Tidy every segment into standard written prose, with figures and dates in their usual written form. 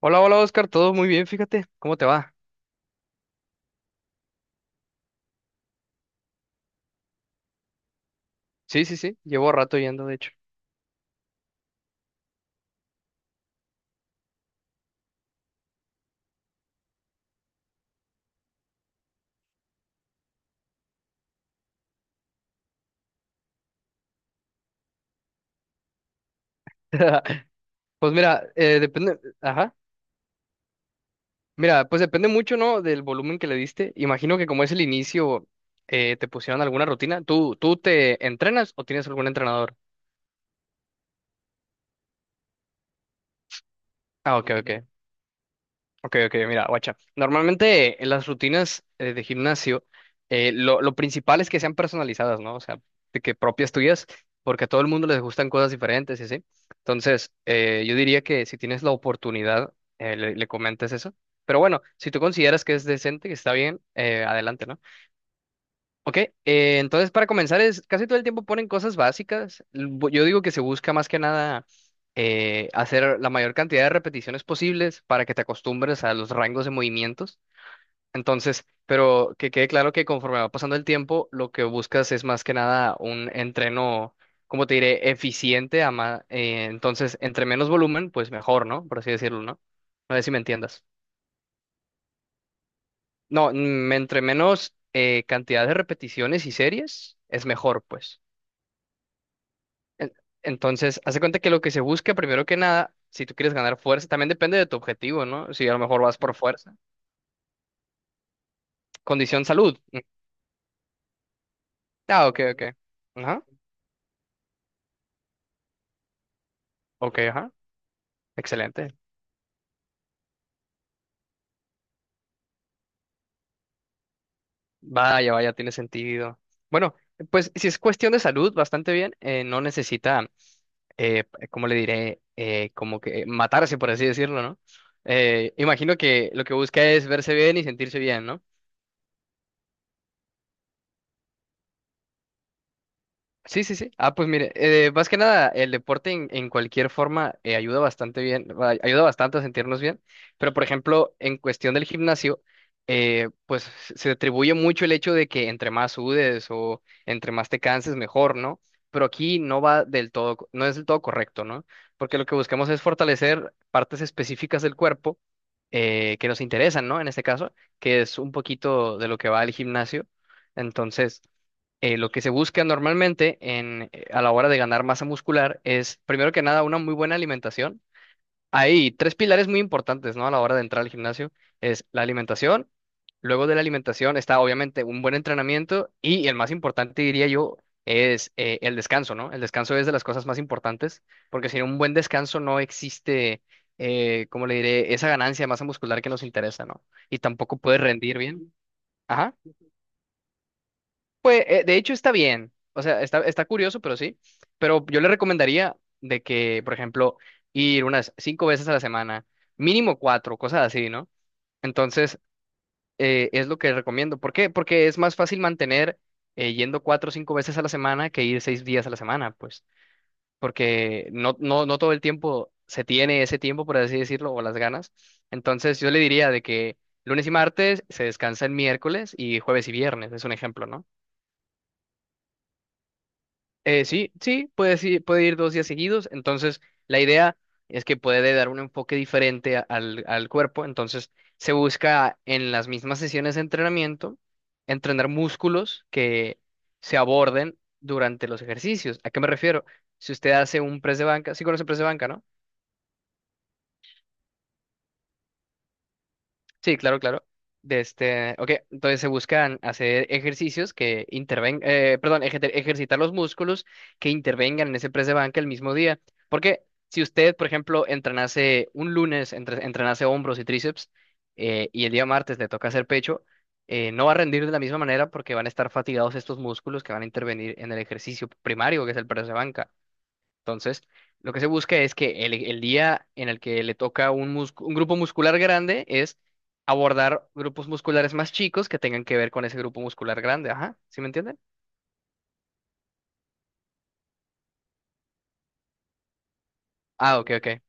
Hola, hola Oscar, todo muy bien, fíjate, ¿cómo te va? Sí, sí, sí, llevo rato yendo, de hecho. Pues mira, depende, ajá, mira, pues depende mucho, ¿no? Del volumen que le diste. Imagino que como es el inicio, te pusieron alguna rutina. ¿Tú te entrenas o tienes algún entrenador? Ah, ok, ok. Ok, ok, mira, guacha. Normalmente en las rutinas de gimnasio, lo principal es que sean personalizadas, ¿no? O sea, de que propias tuyas, porque a todo el mundo les gustan cosas diferentes y así. Entonces, yo diría que si tienes la oportunidad, le comentes eso. Pero bueno, si tú consideras que es decente, que está bien, adelante, ¿no? Ok, entonces para comenzar es casi todo el tiempo ponen cosas básicas. Yo digo que se busca más que nada hacer la mayor cantidad de repeticiones posibles para que te acostumbres a los rangos de movimientos. Entonces, pero que quede claro que conforme va pasando el tiempo, lo que buscas es más que nada un entreno, como te diré, eficiente. Entonces, entre menos volumen, pues mejor, ¿no? Por así decirlo, ¿no? No sé si me entiendas. No, entre menos cantidad de repeticiones y series, es mejor, pues. En- Entonces, hace cuenta que lo que se busca, primero que nada, si tú quieres ganar fuerza, también depende de tu objetivo, ¿no? Si a lo mejor vas por fuerza. Condición salud. Mm. Ah, ok, ok. Ajá. Ok, ajá. Excelente. Vaya, vaya, tiene sentido. Bueno, pues si es cuestión de salud, bastante bien. No necesita, ¿cómo le diré? Como que matarse, por así decirlo, ¿no? Imagino que lo que busca es verse bien y sentirse bien, ¿no? Sí, sí, sí. Ah, pues mire, más que nada, el deporte en cualquier forma ayuda bastante bien, ayuda bastante a sentirnos bien, pero por ejemplo, en cuestión del gimnasio, pues se atribuye mucho el hecho de que entre más sudes o entre más te canses, mejor, ¿no? Pero aquí no va del todo, no es del todo correcto, ¿no? Porque lo que buscamos es fortalecer partes específicas del cuerpo que nos interesan, ¿no? En este caso, que es un poquito de lo que va al gimnasio. Entonces lo que se busca normalmente a la hora de ganar masa muscular es, primero que nada, una muy buena alimentación. Hay tres pilares muy importantes, ¿no? A la hora de entrar al gimnasio. Es la alimentación, luego de la alimentación está obviamente un buen entrenamiento y el más importante, diría yo, es el descanso, ¿no? El descanso es de las cosas más importantes porque sin un buen descanso no existe, ¿cómo le diré?, esa ganancia de masa muscular que nos interesa, ¿no? Y tampoco puedes rendir bien. Ajá. Pues, de hecho, está bien. O sea, está curioso, pero sí. Pero yo le recomendaría de que, por ejemplo, ir unas 5 veces a la semana, mínimo cuatro, cosas así, ¿no? Entonces, es lo que recomiendo. ¿Por qué? Porque es más fácil mantener yendo 4 o 5 veces a la semana que ir 6 días a la semana, pues. Porque no, no, no todo el tiempo se tiene ese tiempo, por así decirlo, o las ganas. Entonces, yo le diría de que lunes y martes se descansa el miércoles y jueves y viernes, es un ejemplo, ¿no? Sí, sí, puede ir 2 días seguidos. Entonces, la idea es que puede dar un enfoque diferente al cuerpo. Entonces, se busca en las mismas sesiones de entrenamiento entrenar músculos que se aborden durante los ejercicios. ¿A qué me refiero? Si usted hace un press de banca, sí conoce press de banca, ¿no? Sí, claro, claro. De este, ok, entonces se buscan hacer ejercicios que intervengan, perdón, ejercitar los músculos que intervengan en ese press de banca el mismo día. Porque si usted, por ejemplo, entrenase un lunes, entrenase hombros y tríceps, y el día martes le toca hacer pecho, no va a rendir de la misma manera porque van a estar fatigados estos músculos que van a intervenir en el ejercicio primario, que es el press de banca. Entonces, lo que se busca es que el día en el que le toca un grupo muscular grande es abordar grupos musculares más chicos que tengan que ver con ese grupo muscular grande. Ajá, ¿sí me entienden? Ah, ok, ok.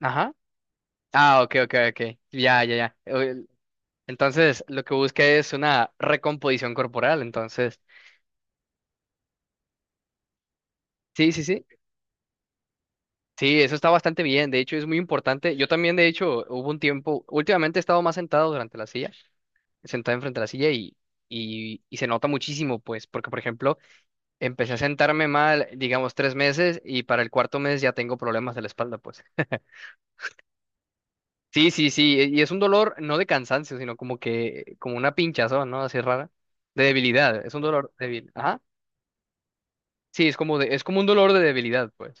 Ajá. Ah, ok, ok, ok. Ya, ya, ya. Entonces, lo que busca es una recomposición corporal. Entonces, sí, sí, sí. Sí, eso está bastante bien. De hecho, es muy importante. Yo también, de hecho, hubo un tiempo, últimamente he estado más sentado durante la silla. Sentada enfrente de la silla y se nota muchísimo, pues, porque, por ejemplo, empecé a sentarme mal, digamos, 3 meses y para el cuarto mes ya tengo problemas de la espalda, pues. Sí, sí, sí, y es un dolor no de cansancio, sino como que, como una pinchazón, ¿no? Así rara, de debilidad, es un dolor débil. Ajá. Sí, es como de, es como un dolor de debilidad, pues.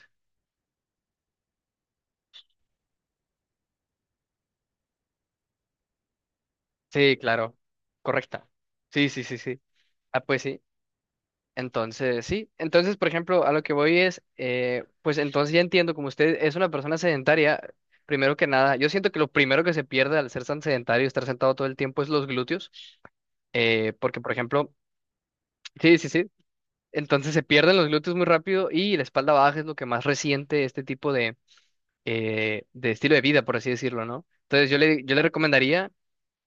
Sí, claro, correcta. Sí, sí, sí, sí. Ah, pues sí. Entonces, sí. Entonces, por ejemplo, a lo que voy es, pues entonces ya entiendo, como usted es una persona sedentaria, primero que nada, yo siento que lo primero que se pierde al ser tan sedentario y estar sentado todo el tiempo es los glúteos, porque, por ejemplo, sí, sí, sí. Entonces se pierden los glúteos muy rápido y la espalda baja es lo que más resiente este tipo de estilo de vida, por así decirlo, ¿no? Entonces yo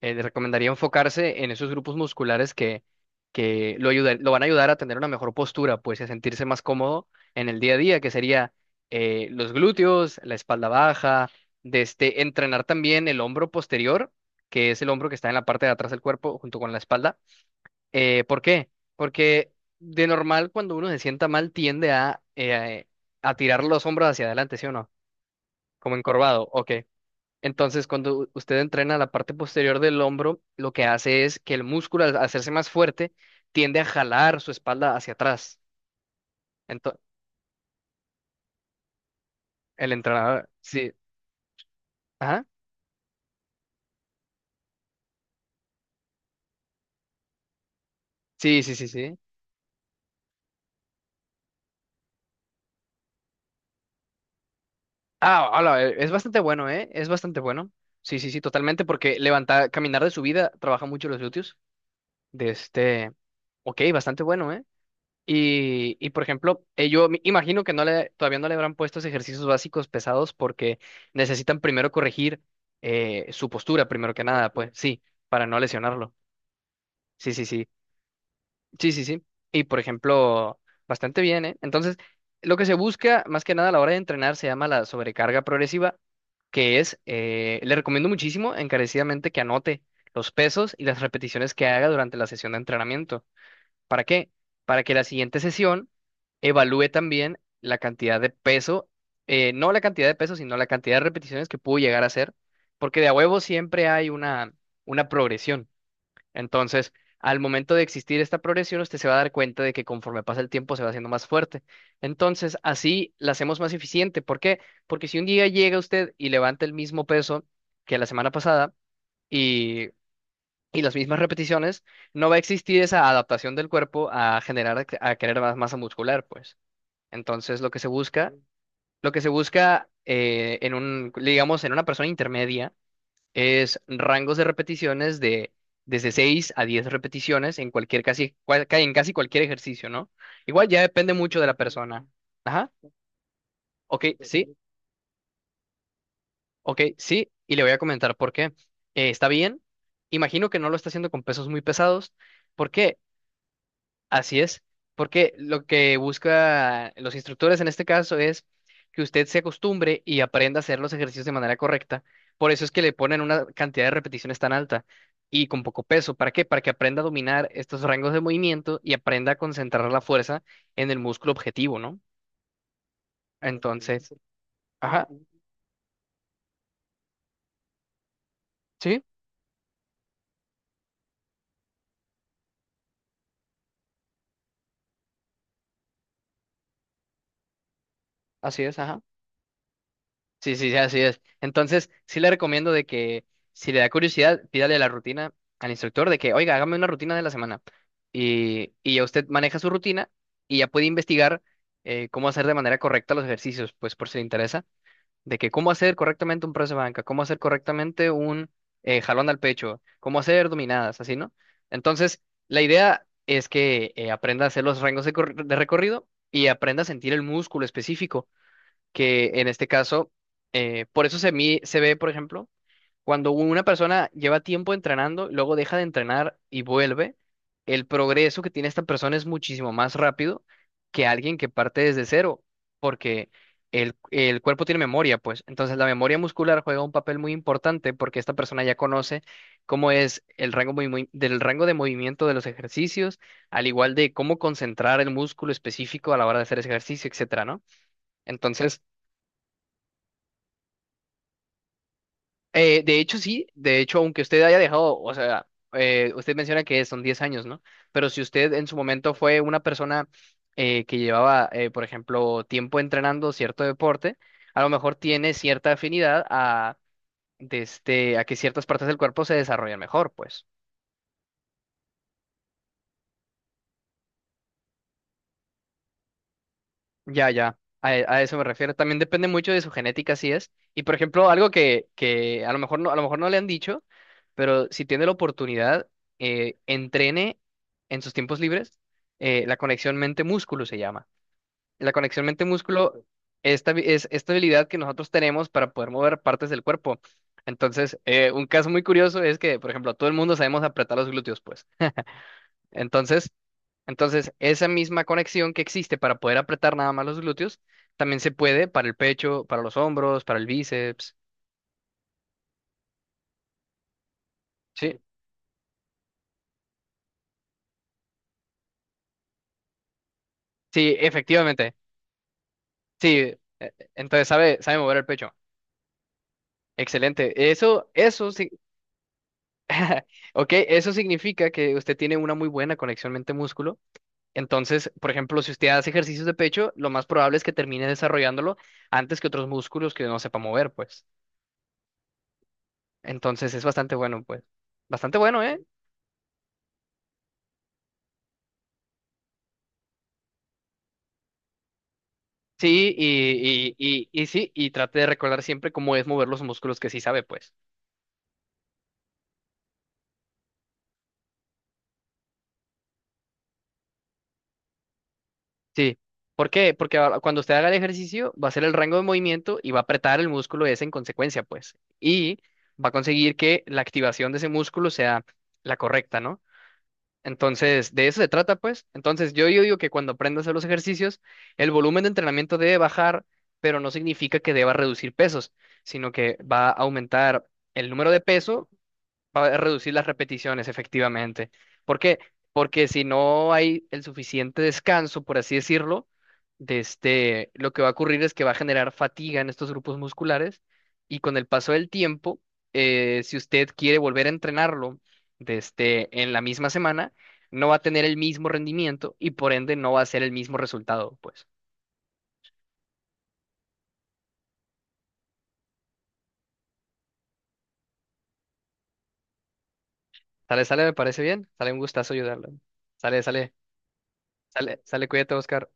le recomendaría enfocarse en esos grupos musculares que lo van a ayudar a tener una mejor postura, pues, y a sentirse más cómodo en el día a día, que sería los glúteos, la espalda baja, de este, entrenar también el hombro posterior, que es el hombro que está en la parte de atrás del cuerpo junto con la espalda. ¿Por qué? Porque de normal cuando uno se sienta mal tiende a tirar los hombros hacia adelante, ¿sí o no? Como encorvado, ok. Entonces, cuando usted entrena la parte posterior del hombro, lo que hace es que el músculo, al hacerse más fuerte, tiende a jalar su espalda hacia atrás. Entonces, el entrenador, sí, ajá, sí, sí, sí, sí. Ah, hola, es bastante bueno, ¿eh? Es bastante bueno. Sí, sí, sí, totalmente, porque levantar, caminar de subida trabaja mucho los glúteos. De este, ok, bastante bueno, ¿eh? Por ejemplo, yo me imagino que no le, todavía no le habrán puesto esos ejercicios básicos pesados porque necesitan primero corregir su postura, primero que nada, pues sí, para no lesionarlo. Sí, sí, sí. Sí, sí, sí. Y por ejemplo, bastante bien, ¿eh? Entonces, lo que se busca más que nada a la hora de entrenar se llama la sobrecarga progresiva, que es, le recomiendo muchísimo encarecidamente que anote los pesos y las repeticiones que haga durante la sesión de entrenamiento. ¿Para qué? Para que la siguiente sesión evalúe también la cantidad de peso, no la cantidad de peso, sino la cantidad de repeticiones que pudo llegar a hacer, porque de a huevo siempre hay una progresión. Entonces, al momento de existir esta progresión, usted se va a dar cuenta de que conforme pasa el tiempo se va haciendo más fuerte. Entonces, así la hacemos más eficiente. ¿Por qué? Porque si un día llega usted y levanta el mismo peso que la semana pasada, y y las mismas repeticiones, no va a existir esa adaptación del cuerpo a generar, a querer más masa muscular, pues. Entonces, lo que se busca en un, digamos, en una persona intermedia es rangos de repeticiones de desde 6 a 10 repeticiones en cualquier casi, cual- ca- en casi cualquier ejercicio, ¿no? Igual ya depende mucho de la persona. Ajá, ok, sí, ok, sí, y le voy a comentar por qué. Está bien, imagino que no lo está haciendo con pesos muy pesados. Por qué. Así es, porque lo que busca los instructores en este caso es que usted se acostumbre y aprenda a hacer los ejercicios de manera correcta. Por eso es que le ponen una cantidad de repeticiones tan alta y con poco peso. ¿Para qué? Para que aprenda a dominar estos rangos de movimiento y aprenda a concentrar la fuerza en el músculo objetivo, ¿no? Entonces, ajá, sí, así es, ajá. Sí, sí, sí, así es. Entonces, sí le recomiendo de que si le da curiosidad, pídale la rutina al instructor de que, oiga, hágame una rutina de la semana. Y ya usted maneja su rutina y ya puede investigar cómo hacer de manera correcta los ejercicios, pues por si le interesa, de que cómo hacer correctamente un press de banca, cómo hacer correctamente un jalón al pecho, cómo hacer dominadas, así, ¿no? Entonces, la idea es que aprenda a hacer los rangos de recorrido y aprenda a sentir el músculo específico que en este caso, por eso se ve, por ejemplo, cuando una persona lleva tiempo entrenando, luego deja de entrenar y vuelve, el progreso que tiene esta persona es muchísimo más rápido que alguien que parte desde cero, porque el cuerpo tiene memoria, pues. Entonces la memoria muscular juega un papel muy importante porque esta persona ya conoce cómo es el rango del rango de movimiento de los ejercicios, al igual de cómo concentrar el músculo específico a la hora de hacer ese ejercicio, etcétera, ¿no? Entonces, de hecho, sí, de hecho, aunque usted haya dejado, o sea, usted menciona que son 10 años, ¿no? Pero si usted en su momento fue una persona que llevaba, por ejemplo, tiempo entrenando cierto deporte, a lo mejor tiene cierta afinidad a, de este, a que ciertas partes del cuerpo se desarrollen mejor, pues. A eso me refiero. También depende mucho de su genética, así es. Y por ejemplo, algo que a lo mejor no, a lo mejor no le han dicho, pero si tiene la oportunidad, entrene en sus tiempos libres, la conexión mente-músculo se llama. La conexión mente-músculo es esta habilidad que nosotros tenemos para poder mover partes del cuerpo. Entonces, un caso muy curioso es que, por ejemplo, todo el mundo sabemos apretar los glúteos, pues. Entonces, entonces, esa misma conexión que existe para poder apretar nada más los glúteos, también se puede para el pecho, para los hombros, para el bíceps. Sí, sí, efectivamente. Sí, entonces sabe mover el pecho. Excelente. Eso sí. Ok, eso significa que usted tiene una muy buena conexión mente-músculo. Entonces, por ejemplo, si usted hace ejercicios de pecho, lo más probable es que termine desarrollándolo antes que otros músculos que no sepa mover, pues. Entonces, es bastante bueno, pues. Bastante bueno, ¿eh? Sí, y sí, y trate de recordar siempre cómo es mover los músculos que sí sabe, pues. Sí. ¿Por qué? Porque ahora cuando usted haga el ejercicio, va a hacer el rango de movimiento y va a apretar el músculo ese en consecuencia, pues. Y va a conseguir que la activación de ese músculo sea la correcta, ¿no? Entonces, de eso se trata, pues. Entonces, yo digo que cuando aprenda a hacer los ejercicios, el volumen de entrenamiento debe bajar, pero no significa que deba reducir pesos, sino que va a aumentar el número de peso. Para reducir las repeticiones, efectivamente. ¿Por qué? Porque si no hay el suficiente descanso, por así decirlo, de este, lo que va a ocurrir es que va a generar fatiga en estos grupos musculares y con el paso del tiempo, si usted quiere volver a entrenarlo de este, en la misma semana, no va a tener el mismo rendimiento y por ende no va a ser el mismo resultado, pues. Sale, sale, me parece bien. Sale un gustazo ayudarlo. Sale, sale, cuídate, Oscar.